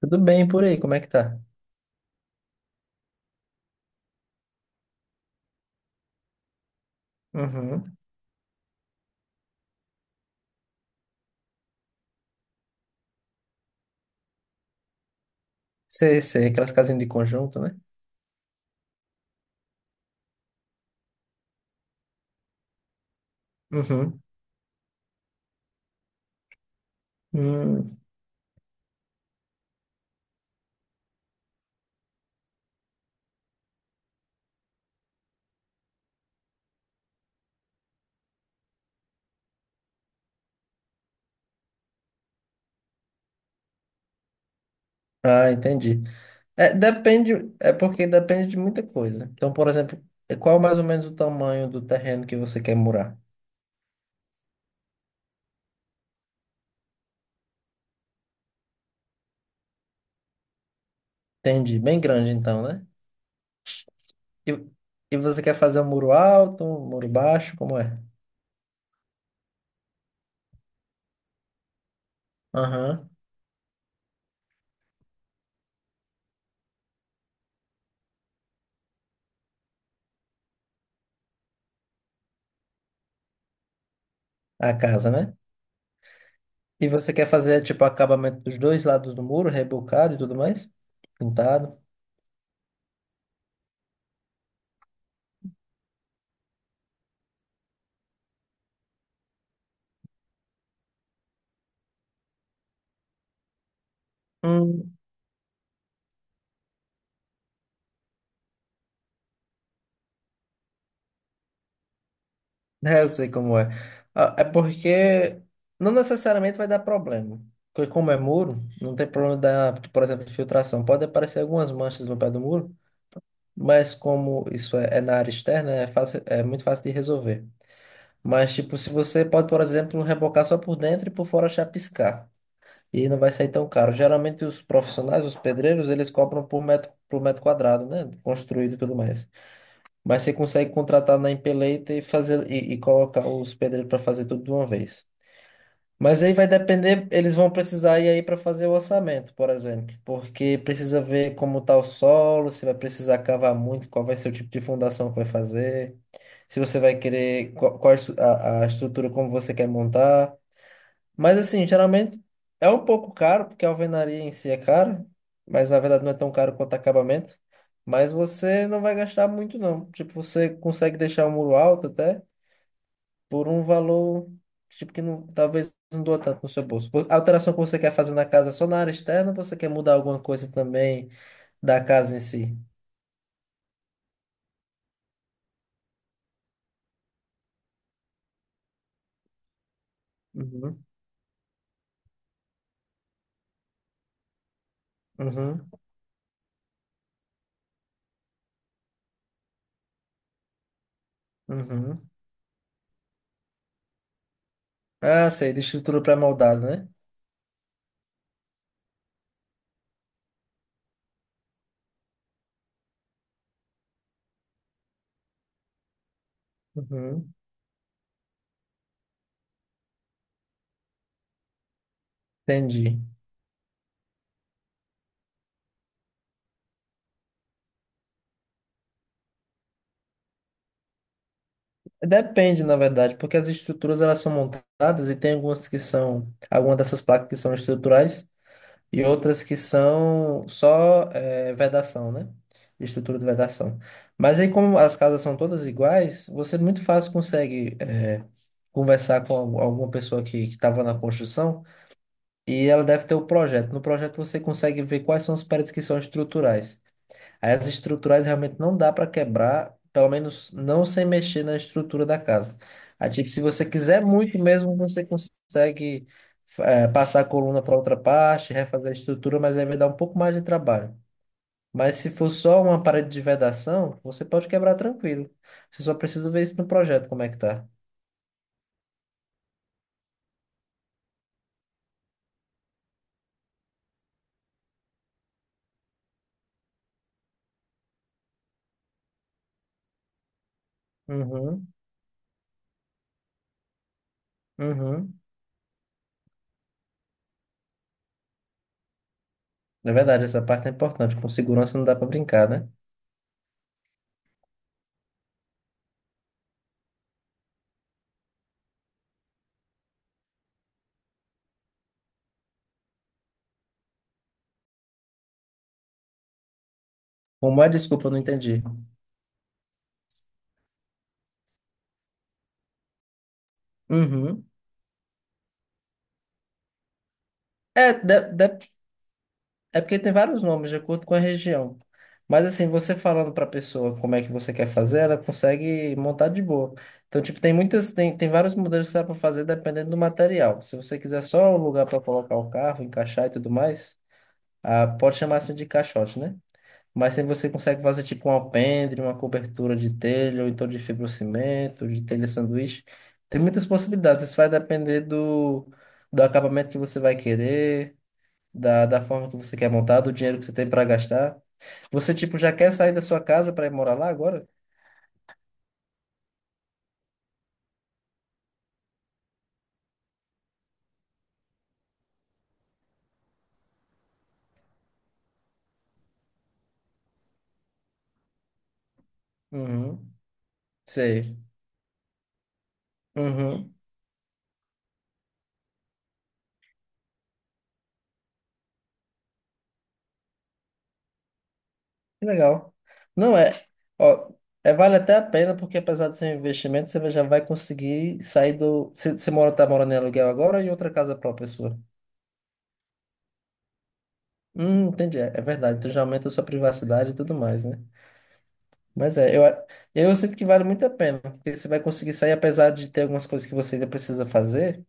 Tudo bem por aí, como é que tá? Uhum. Sei, sei, aquelas casinhas de conjunto, né? Uhum. Hum. Ah, entendi. É, depende, é porque depende de muita coisa. Então, por exemplo, qual é mais ou menos o tamanho do terreno que você quer murar? Entendi, bem grande então, né? E, e você quer fazer um muro alto, um muro baixo, como é? Aham. A casa, né? E você quer fazer, tipo, acabamento dos dois lados do muro, rebocado e tudo mais? Pintado? Hum. É, eu sei como é. Ah, é porque não necessariamente vai dar problema. Porque como é muro, não tem problema da, por exemplo, de filtração. Pode aparecer algumas manchas no pé do muro, mas como isso é na área externa, é fácil, é muito fácil de resolver. Mas, tipo, se você pode, por exemplo, rebocar só por dentro e por fora chapiscar. E não vai sair tão caro. Geralmente os profissionais, os pedreiros, eles cobram por metro quadrado, né? Construído e tudo mais. Mas você consegue contratar na empeleita e fazer e colocar os pedreiros para fazer tudo de uma vez. Mas aí vai depender, eles vão precisar ir aí para fazer o orçamento, por exemplo, porque precisa ver como tá o solo, se vai precisar cavar muito, qual vai ser o tipo de fundação que vai fazer, se você vai querer qual a estrutura como você quer montar. Mas assim, geralmente é um pouco caro, porque a alvenaria em si é cara, mas na verdade não é tão caro quanto acabamento. Mas você não vai gastar muito, não. Tipo, você consegue deixar o muro alto até por um valor tipo que não, talvez não doa tanto no seu bolso. A alteração que você quer fazer na casa é só na área externa, ou você quer mudar alguma coisa também da casa em si? Uhum, uhum, uhum. Ah, sei, de estrutura pré-moldada, né? Uhum, entendi. Depende, na verdade, porque as estruturas elas são montadas e tem algumas que são, algumas dessas placas que são estruturais e outras que são só vedação, né? Estrutura de vedação. Mas aí, como as casas são todas iguais, você muito fácil consegue conversar com alguma pessoa que estava na construção e ela deve ter o projeto. No projeto você consegue ver quais são as paredes que são estruturais. Aí as estruturais realmente não dá para quebrar, pelo menos não sem mexer na estrutura da casa. Aí, tipo, se você quiser muito mesmo, você consegue passar a coluna para outra parte, refazer a estrutura, mas aí vai dar um pouco mais de trabalho. Mas se for só uma parede de vedação, você pode quebrar tranquilo. Você só precisa ver isso no projeto, como é que tá. Uhum, uhum. É verdade, essa parte é importante. Com segurança não dá pra brincar, né? Como é? Desculpa, eu não entendi. Uhum. É, depende. É porque tem vários nomes de acordo com a região. Mas assim, você falando para a pessoa como é que você quer fazer, ela consegue montar de boa. Então, tipo, tem vários modelos que dá para fazer dependendo do material. Se você quiser só um lugar para colocar o carro, encaixar e tudo mais, ah, pode chamar assim de caixote, né? Mas se você consegue fazer tipo um alpendre, uma cobertura de telha, ou então de fibrocimento, de telha sanduíche, tem muitas possibilidades. Isso vai depender do acabamento que você vai querer da forma que você quer montar, do dinheiro que você tem para gastar. Você, tipo, já quer sair da sua casa para ir morar lá agora? Uhum. Sei. Uhum. Que legal. Não é. Ó, é, vale até a pena, porque apesar do seu investimento, você já vai conseguir sair do. Você mora, tá morando em aluguel agora ou em outra casa própria sua? Entendi. É verdade. Então já aumenta a sua privacidade e tudo mais, né? Mas eu sinto que vale muito a pena, porque você vai conseguir sair, apesar de ter algumas coisas que você ainda precisa fazer.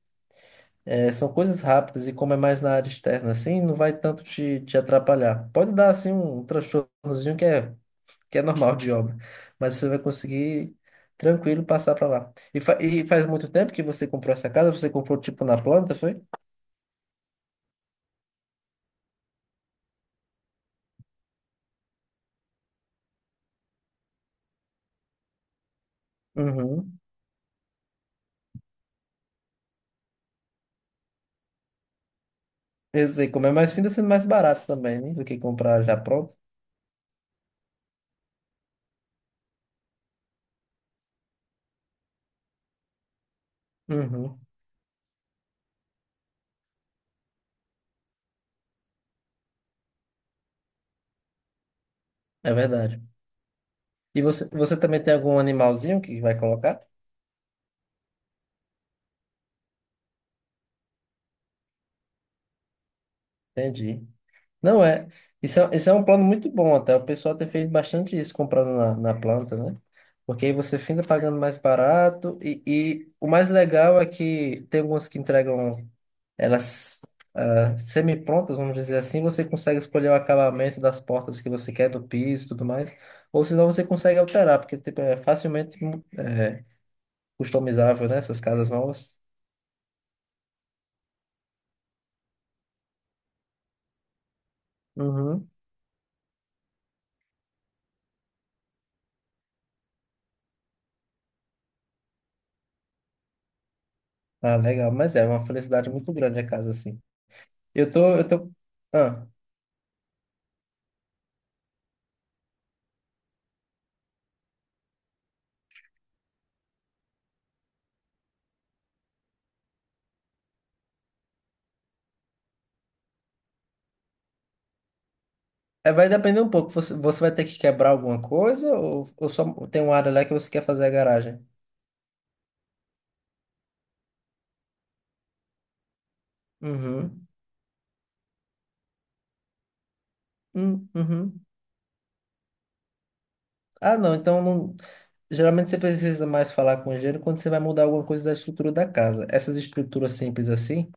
É, são coisas rápidas e como é mais na área externa, assim, não vai tanto te atrapalhar. Pode dar, assim, um transtornozinho que é normal de obra, mas você vai conseguir tranquilo passar para lá. E faz muito tempo que você comprou essa casa? Você comprou, tipo, na planta, foi? Uhum. Eu sei, como é mais fino, tá sendo mais barato também, né? Do que comprar já pronto. Uhum. É verdade. E você também tem algum animalzinho que vai colocar? Entendi. Não é. Isso é um plano muito bom até. O pessoal tem feito bastante isso comprando na planta, né? Porque aí você finda pagando mais barato. E o mais legal é que tem algumas que entregam elas semi-prontas, vamos dizer assim. Você consegue escolher o acabamento das portas que você quer, do piso e tudo mais. Ou senão você consegue alterar, porque tipo, é facilmente customizável, né? Essas casas novas. Uhum. Ah, legal. Mas é uma felicidade muito grande a casa assim. Eu tô, eu tô. Ah. É, vai depender um pouco. Você vai ter que quebrar alguma coisa ou só tem uma área lá que você quer fazer a garagem? Uhum. Uhum. Ah, não. Então, geralmente você precisa mais falar com o engenheiro quando você vai mudar alguma coisa da estrutura da casa. Essas estruturas simples assim,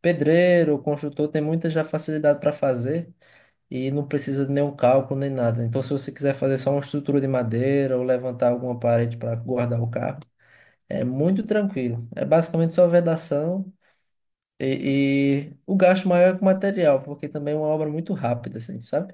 pedreiro, construtor, tem muita já facilidade para fazer e não precisa de nenhum cálculo nem nada. Então, se você quiser fazer só uma estrutura de madeira ou levantar alguma parede para guardar o carro, é muito tranquilo. É basicamente só vedação. E o gasto maior é com material, porque também é uma obra muito rápida, assim, sabe?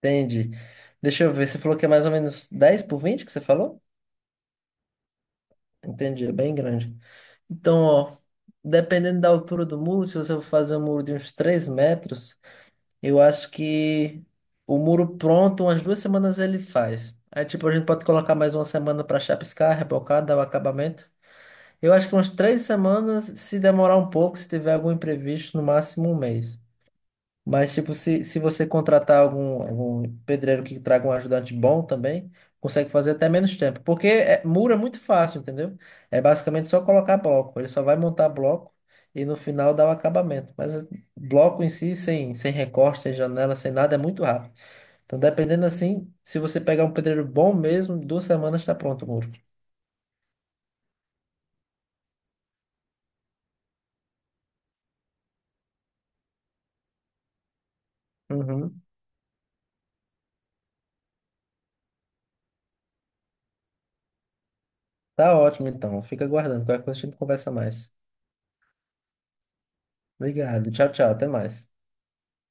Entendi. Deixa eu ver, você falou que é mais ou menos 10 por 20, que você falou? Entendi, é bem grande. Então, ó, dependendo da altura do muro, se você for fazer um muro de uns 3 metros, eu acho que o muro pronto, umas 2 semanas ele faz. Aí, tipo, a gente pode colocar mais uma semana para chapiscar, rebocar, dar o acabamento. Eu acho que umas 3 semanas, se demorar um pouco, se tiver algum imprevisto, no máximo um mês. Mas, tipo, se você contratar algum pedreiro que traga um ajudante bom também, consegue fazer até menos tempo. Porque é, muro é muito fácil, entendeu? É basicamente só colocar bloco. Ele só vai montar bloco e no final dá o acabamento. Mas é, bloco em si, sem recorte, sem janela, sem nada, é muito rápido. Então, dependendo assim, se você pegar um pedreiro bom mesmo, 2 semanas está pronto o muro. Uhum. Tá ótimo, então. Fica aguardando. Qualquer coisa a gente conversa mais. Obrigado. Tchau, tchau. Até mais.